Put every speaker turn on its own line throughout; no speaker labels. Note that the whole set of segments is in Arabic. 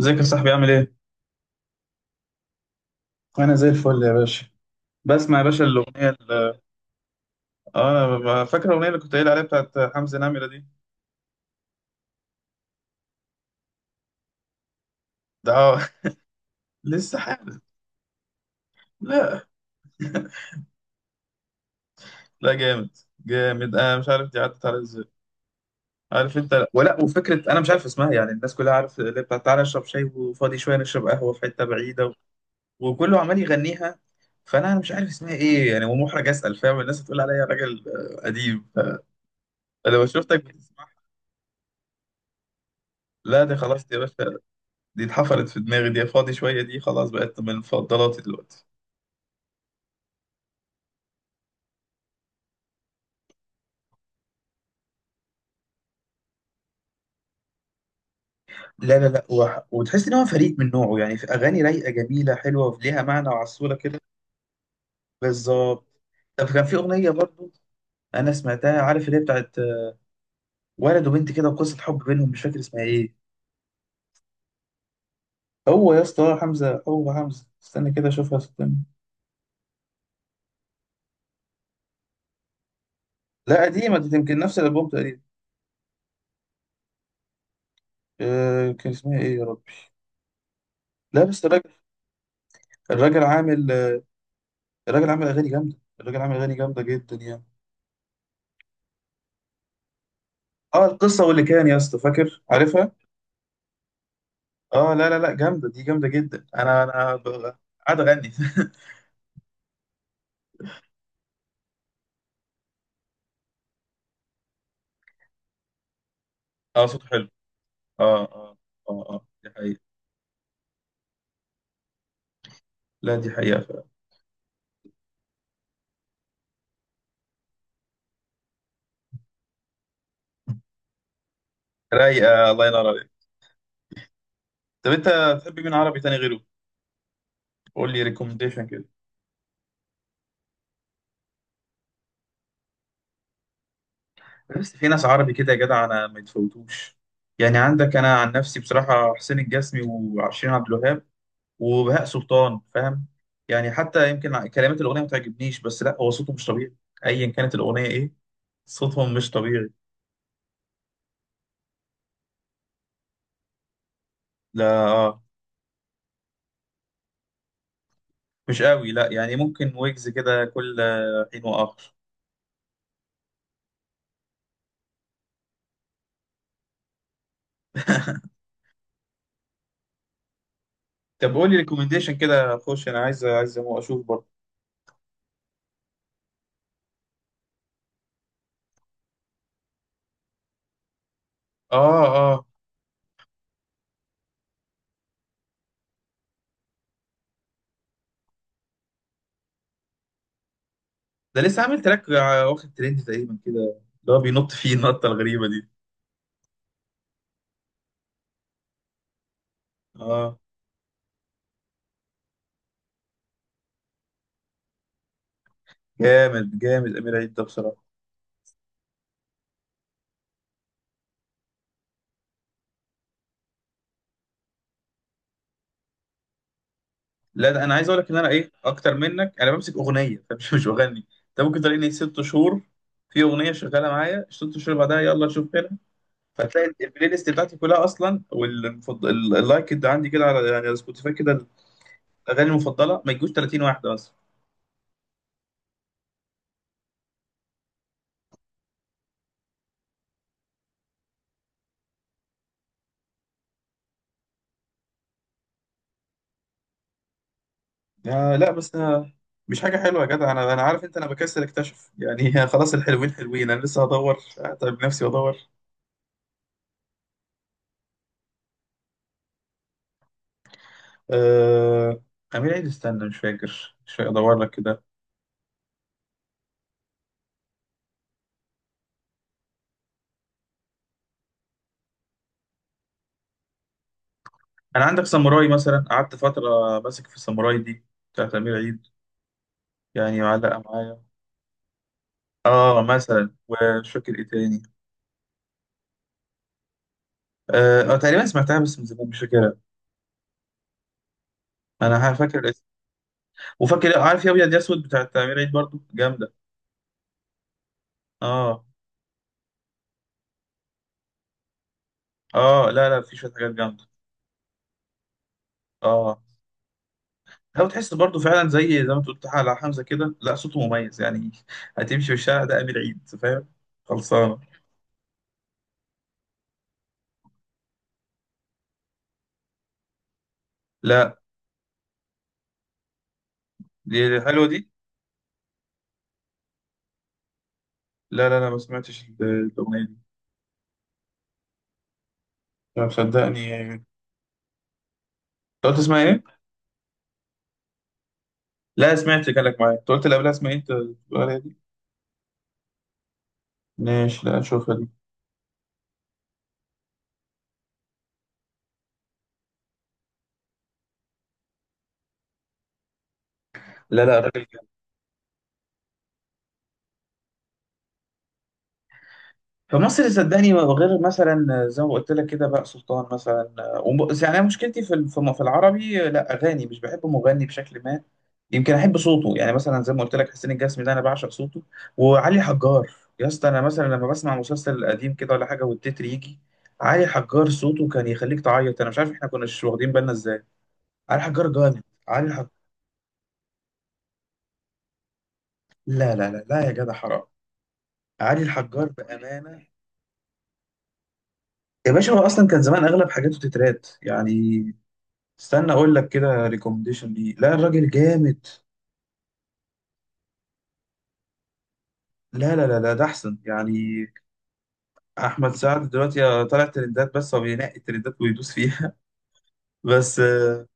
ازيك يا صاحبي؟ عامل ايه؟ انا زي الفل يا باشا. بسمع يا باشا الاغنيه اه انا فاكر الاغنيه اللي كنت قايل عليها بتاعت حمزه نمره دي. ده اه لسه حامل. لا لا، جامد، جامد. انا مش عارف دي عدت على ازاي. عارف انت، ولا وفكره انا مش عارف اسمها يعني، الناس كلها عارف اللي بتاعت تعالى اشرب شاي وفاضي شويه نشرب قهوه في حته بعيده، وكله عمال يغنيها. فانا مش عارف اسمها ايه يعني، ومحرج اسال، فاهم؟ الناس تقول عليا راجل قديم. انا لو شفتك بتسمع، لا دي خلاص دي يا باشا، دي اتحفرت في دماغي، دي فاضي شوية، دي خلاص بقت من مفضلاتي دلوقتي. لا وتحس ان هو فريد من نوعه يعني، في اغاني رايقه جميله حلوه وليها معنى وعسوله كده. بالظبط. طب كان في اغنيه برضو انا سمعتها، عارف اللي هي بتاعت ولد وبنت كده وقصه حب بينهم، مش فاكر اسمها ايه. هو يا اسطى حمزه، هو حمزه، استنى كده اشوفها، استنى. لا قديمه دي، يمكن نفس الالبوم تقريبا. أه كان اسمها ايه يا ربي؟ لا بس الراجل الراجل عامل اغاني جامده جدا يعني. اه القصه واللي كان، يا اسطى فاكر؟ عارفها. اه، لا لا لا، جامده دي، جامده جدا. قاعد اغني. اه صوته حلو. اه اه اه، دي حقيقه. لا دي حقيقه فعلا. رايقه، الله ينور عليك. طب انت بتحب مين عربي تاني غيره؟ قول لي ريكومنديشن كده. بس في ناس عربي كده يا جدع انا ما يتفوتوش. يعني عندك انا عن نفسي بصراحه حسين الجسمي، وعشرين عبد الوهاب، وبهاء سلطان، فاهم؟ يعني حتى يمكن كلمات الاغنيه ما تعجبنيش، بس لا هو صوته مش طبيعي، ايا كانت الاغنيه ايه، صوتهم مش طبيعي. لا آه. مش قوي، لا يعني ممكن ويجز كده كل حين واخر. طب قول لي ريكومنديشن كده اخش، انا عايز، عايز اشوف برضه. اه اه. ده لسه عامل تراك واخد ترند تقريبا كده، اللي هو بينط فيه النطه الغريبه دي. اه جامد، جامد امير عيد ده بصراحه. لا ده انا عايز اقول لك ان انا ايه، اكتر منك انا بمسك اغنيه فمش مش بغني. انت ممكن تلاقيني ست شهور في اغنيه شغاله معايا ست شهور، بعدها يلا نشوف كده. فتلاقي البلاي ليست بتاعتي كلها اصلا واللايك اللي عندي كده على، يعني على سبوتيفاي كده، اغاني المفضله ما يجوش 30 واحده مثلا. آه لا بس أنا، مش حاجه حلوه يا جدع، انا عارف انت، انا بكسل اكتشف يعني خلاص الحلوين حلوين، انا لسه هدور طيب، نفسي ادور. آه امير عيد، استنى مش فاكر، مش فاكر، ادور لك كده. انا عندك ساموراي مثلا، قعدت فتره ماسك في الساموراي دي، بتاعت امير عيد، يعني معلقه معايا. اه مثلا، ومش فاكر ايه تاني. اه تقريبا سمعتها بس من زمان، مش فاكرها، انا فاكر الاسم. وفاكر، عارف، يا ابيض يا اسود بتاعت امير عيد برضو جامده. اه اه لا، لا في شويه حاجات جامده. اه لو تحس برضو فعلا، زي ما انت قلت على حمزه كده، لا صوته مميز يعني هتمشي في الشارع ده امير عيد، فاهم؟ خلصانه. لا دي حلوه دي. لا ما سمعتش الاغنيه دي. لا مصدقني انت، قلت اسمها ايه؟ لا سمعت كلامك، معايا انت قلت اللي قبلها اسمها ايه؟ انت بتقول عليها دي؟ ماشي، لا اشوفها دي. لا لا الراجل جامد. فمصر صدقني، غير مثلا زي ما قلت لك كده بقى سلطان مثلا، يعني أنا مشكلتي في في العربي، لا اغاني، مش بحب مغني بشكل ما، يمكن احب صوته يعني. مثلا زي ما قلت لك حسين الجسمي ده انا بعشق صوته، وعلي حجار. يا اسطى انا مثلا لما بسمع مسلسل قديم كده ولا حاجه، والتتر يجي علي حجار، صوته كان يخليك تعيط. انا مش عارف احنا كناش واخدين بالنا ازاي. علي حجار جامد، لا لا لا لا يا جدع حرام، علي الحجار بامانه. يا باشا هو اصلا كان زمان اغلب حاجاته تترات يعني. استنى اقول لك كده ريكومنديشن ليه، لا الراجل جامد. لا لا لا لا ده احسن يعني. احمد سعد دلوقتي طالع ترندات، بس هو بينقي الترندات ويدوس فيها، بس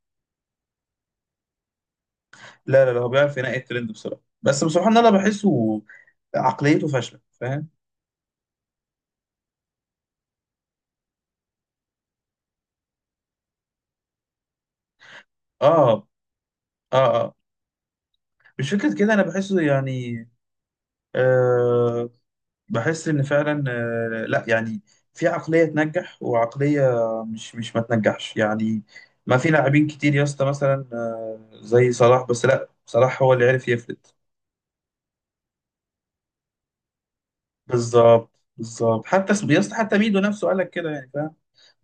لا لا لا، هو بيعرف ينقي الترند بصراحه، بس بصراحه ان انا بحسه عقليته فاشله، فاهم؟ اه اه اه. مش فكره كده انا بحسه يعني، آه بحس ان فعلا، لا يعني في عقليه تنجح وعقليه مش ما تنجحش يعني. ما في لاعبين كتير يا اسطى، مثلا زي صلاح، بس لا صلاح هو اللي عرف يفلت. بالظبط، بالظبط. حتى يا اسطى حتى ميدو نفسه قال لك كده يعني، فاهم؟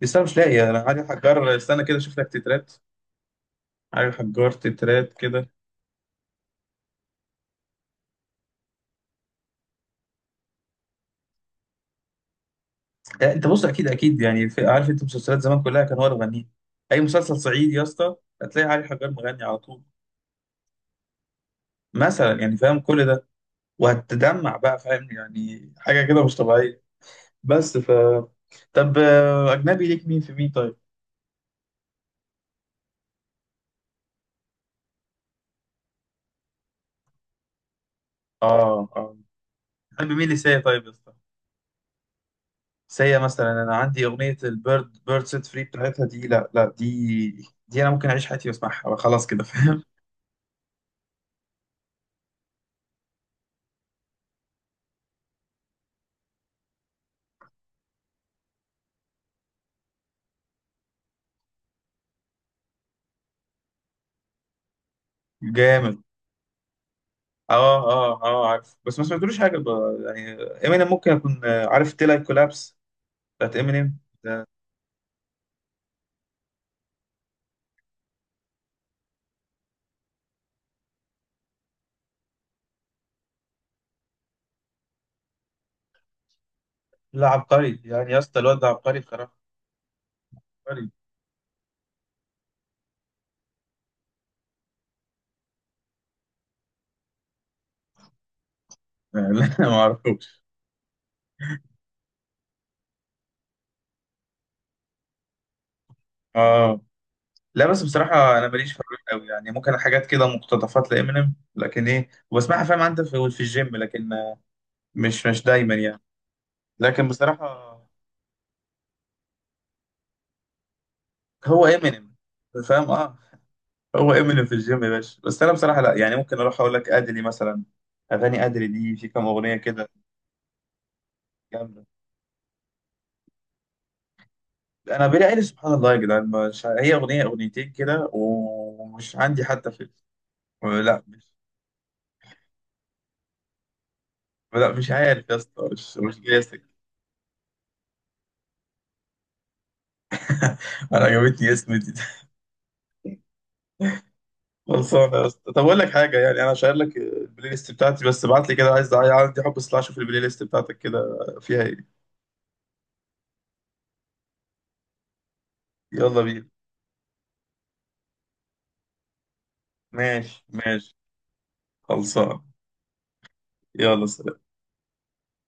بس انا مش لاقي، انا قاعد احجر، استنى كده اشوف لك تترات، عارف حجارة تترات كده. انت بص اكيد، اكيد يعني، في عارف انت مسلسلات زمان كلها كان هو اللي غنيه. اي مسلسل صعيدي يا اسطى هتلاقي علي حجار مغني على طول. مثلا، يعني فاهم كل ده. وهتدمع بقى، فاهم يعني، حاجة كده مش طبيعية. بس ف طب اجنبي ليك مين في مين طيب؟ اه اه. بتحب مين اللي سيا طيب يا اسطى؟ سيا مثلا، انا عندي اغنية البيرد بيرد سيت فري بتاعتها دي، لا لا دي انا ممكن اعيش حياتي واسمعها خلاص كده، فاهم؟ جامد. اه اه اه عارف، بس ما سمعتلوش حاجه يعني، امينيم ممكن اكون عارف تيلا كولابس بتاعت امينيم ده. لا عبقري يعني، يا اسطى الواد ده عبقري بصراحه، عبقري. لا ما اعرفوش. اه لا بس بصراحه انا ماليش في الراب قوي يعني، ممكن حاجات كده مقتطفات لامينيم، لكن ايه وبسمعها فاهم انت، في، في الجيم، لكن مش دايما يعني. لكن بصراحه هو امينيم، فاهم؟ اه هو امينيم في الجيم يا باشا. بس انا بصراحه لا يعني، ممكن اروح اقول لك ادلي مثلا، اغاني ادلي دي، في كام اغنيه كده جامدة. انا بيلي ايليش سبحان الله يا جدعان، مش هي اغنيه اغنيتين كده ومش عندي حتى فيلم. لا مش لا مش عارف يا اسطى، مش جاي سكة. انا عجبتني اسم دي خلصانه يا اسطى، طب اقول لك حاجه يعني، انا شايل لك البلاي ليست بتاعتي، بس ابعت لي كده، عايز، عندي حب اطلع اشوف البلاي ليست بتاعتك كده فيها ايه. يلا بينا. ماشي ماشي. خلصان. يلا سلام.